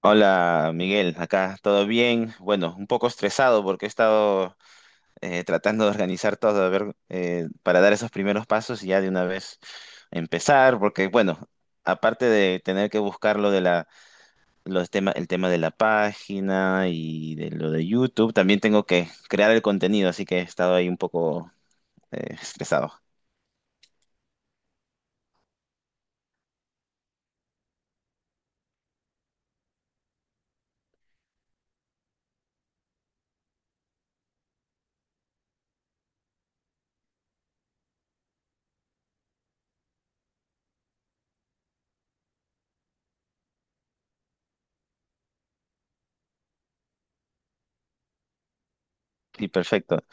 Hola Miguel, acá todo bien. Bueno, un poco estresado porque he estado tratando de organizar todo, a ver, para dar esos primeros pasos y ya de una vez empezar, porque bueno, aparte de tener que buscar lo de la, el tema de la página y de lo de YouTube, también tengo que crear el contenido, así que he estado ahí un poco estresado. Sí, perfecto.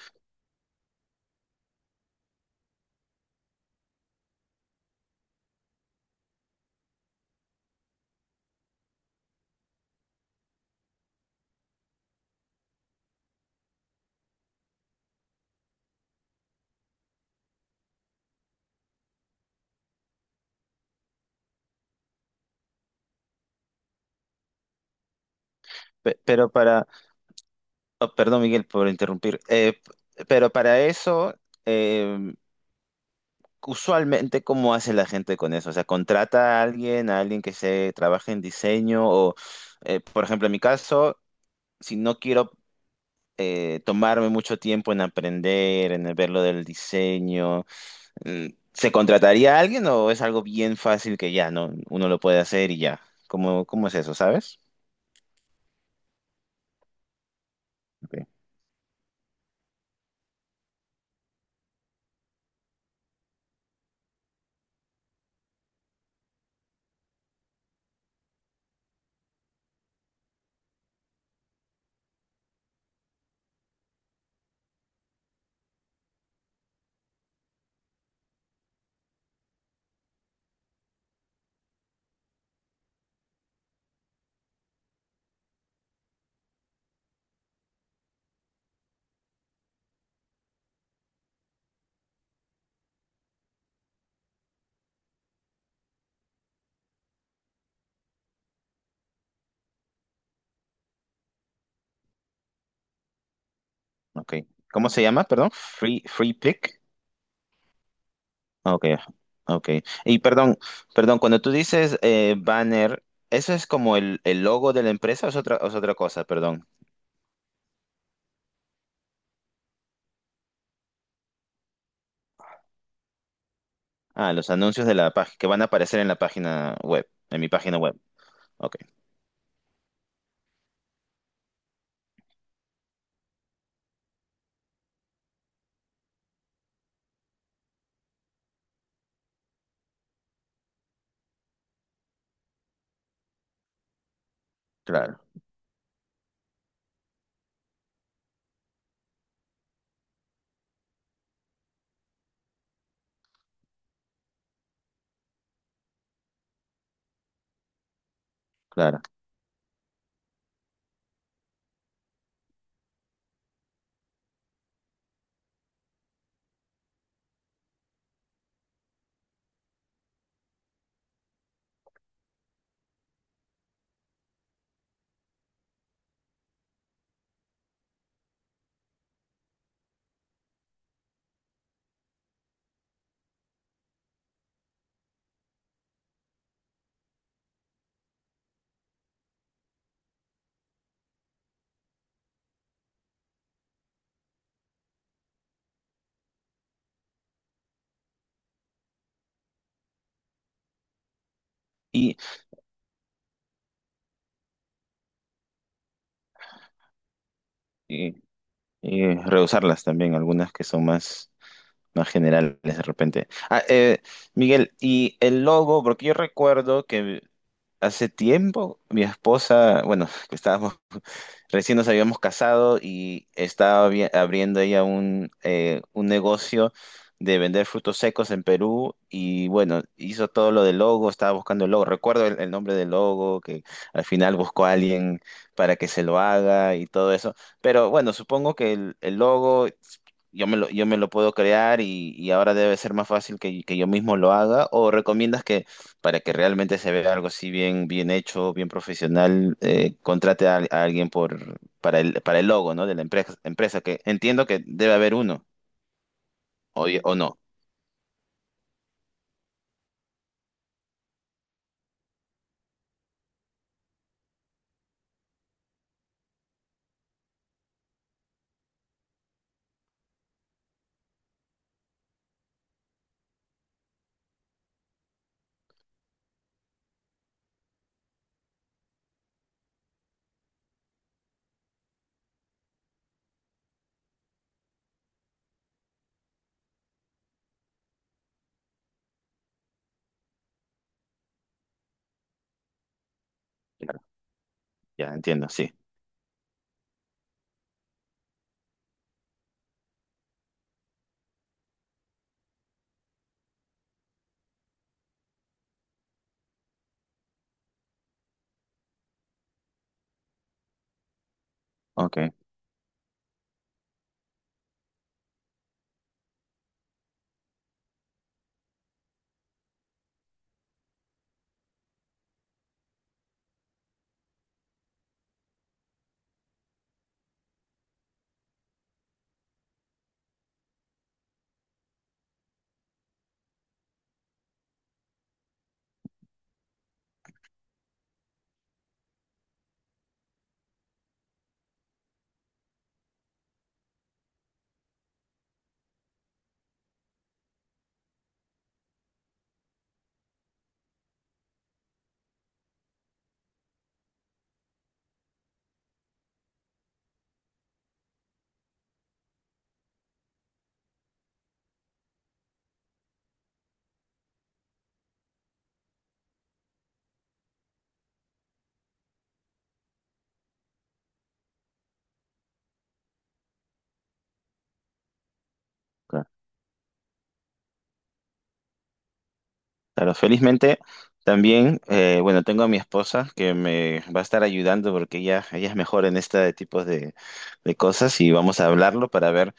Pe- pero para, oh, perdón Miguel por interrumpir. Pero para eso... em, usualmente, ¿cómo hace la gente con eso? O sea, contrata a alguien que se trabaje en diseño o, por ejemplo, en mi caso, si no quiero tomarme mucho tiempo en aprender, en ver lo del diseño, mm, ¿se contrataría a alguien o es algo bien fácil que ya, no, uno lo puede hacer y ya? ¿Cómo es eso, sabes? Ok, ok. ¿Cómo se llama? Perdón, Free Pick. Ok, ok. Y perdón, perdón, cuando tú dices banner, ¿eso es como el logo de la empresa o es otra cosa? Perdón. Ah, los anuncios de la página que van a aparecer en la página web, en mi página web. Ok, claro, claro. Y, y, y reusarlas también, algunas que son más, más generales de repente. Ah, Miguel, y el logo, porque yo recuerdo que hace tiempo mi esposa, bueno, que estábamos recién nos habíamos casado y estaba abriendo ella un negocio de vender frutos secos en Perú y bueno, hizo todo lo del logo, estaba buscando el logo, recuerdo el nombre del logo, que al final buscó a alguien para que se lo haga y todo eso, pero bueno, supongo que el logo yo me lo puedo crear y ahora debe ser más fácil que yo mismo lo haga o recomiendas que para que realmente se vea algo así bien, bien hecho, bien profesional, contrate a alguien por, para el logo, ¿no? De la empresa, empresa, que entiendo que debe haber uno, o no. Claro, ya entiendo, sí. Ok, claro. Claro, felizmente también, bueno, tengo a mi esposa que me va a estar ayudando porque ella es mejor en este tipo de cosas y vamos a hablarlo para ver.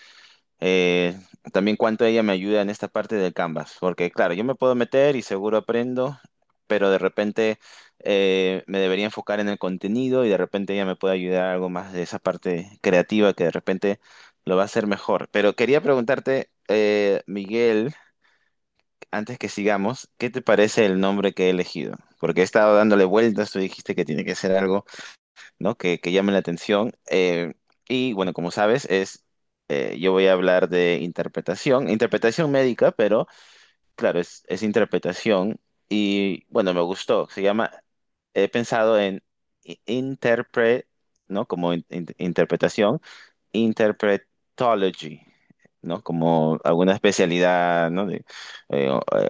Eh, también cuánto ella me ayuda en esta parte del Canvas, porque claro, yo me puedo meter y seguro aprendo, pero de repente me debería enfocar en el contenido y de repente ella me puede ayudar algo más de esa parte creativa que de repente lo va a hacer mejor. Pero quería preguntarte, Miguel, antes que sigamos, ¿qué te parece el nombre que he elegido? Porque he estado dándole vueltas, tú dijiste que tiene que ser algo, ¿no? Que llamen la atención. Y bueno, como sabes, es, yo voy a hablar de interpretación, interpretación médica, pero claro, es interpretación y bueno, me gustó. Se llama, he pensado en interpre, ¿no? Como interpretación, interpretology, ¿no? Como alguna especialidad, ¿no? De, eh, o- eh,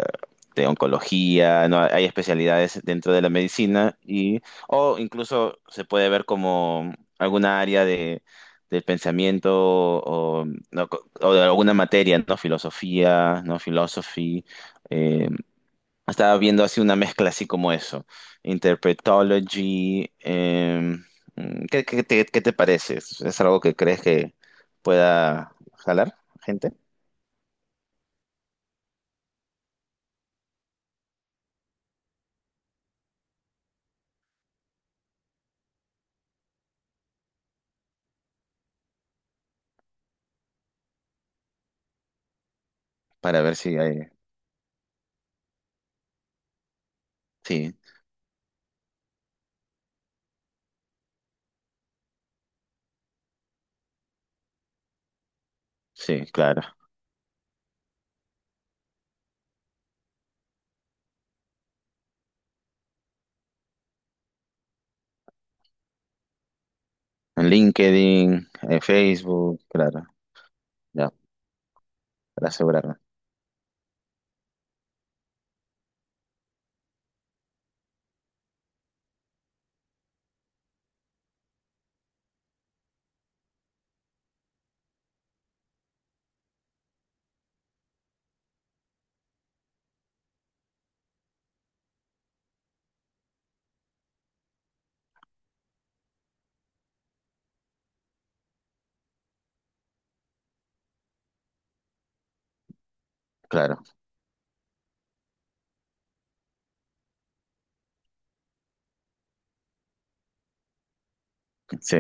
de oncología, ¿no? Hay especialidades dentro de la medicina y, o incluso se puede ver como alguna área de, del pensamiento o, ¿no? O de alguna materia, ¿no? Filosofía, ¿no? Philosophy, eh, estaba viendo así una mezcla así como eso. Interpretology. ¿Qué te parece? ¿Es algo que crees que pueda jalar gente? Para ver si hay... Sí, sí, claro. En LinkedIn, en Facebook, claro. Ya, para asegurarme. Claro, sí.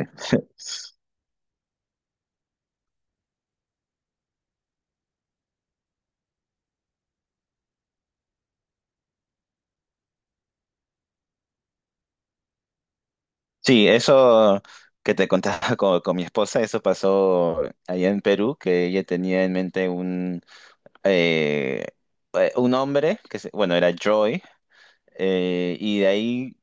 Sí, eso que te contaba con mi esposa, eso pasó allá en Perú, que ella tenía en mente eh, un hombre que, bueno, era Joy. Y de ahí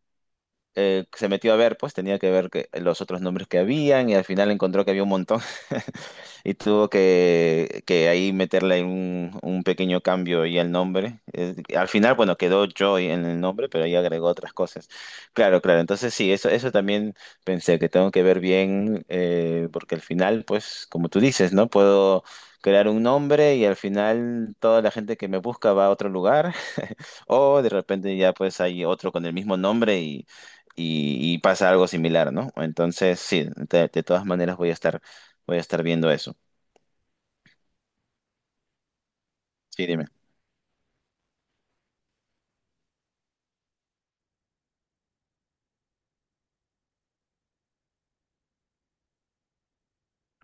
se metió a ver, pues tenía que ver que, los otros nombres que habían y al final encontró que había un montón y tuvo que ahí meterle un pequeño cambio y el nombre. Al final, bueno, quedó Joy en el nombre, pero ahí agregó otras cosas. Claro, claro, entonces sí, eso también pensé que tengo que ver bien, porque al final, pues como tú dices, ¿no? Puedo... crear un nombre y al final toda la gente que me busca va a otro lugar o de repente ya pues hay otro con el mismo nombre y pasa algo similar, ¿no? Entonces, sí, de todas maneras voy a estar viendo eso. Sí, dime.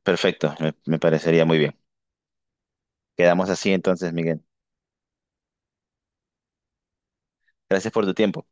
Perfecto, me parecería muy bien. Quedamos así entonces, Miguel. Gracias por tu tiempo.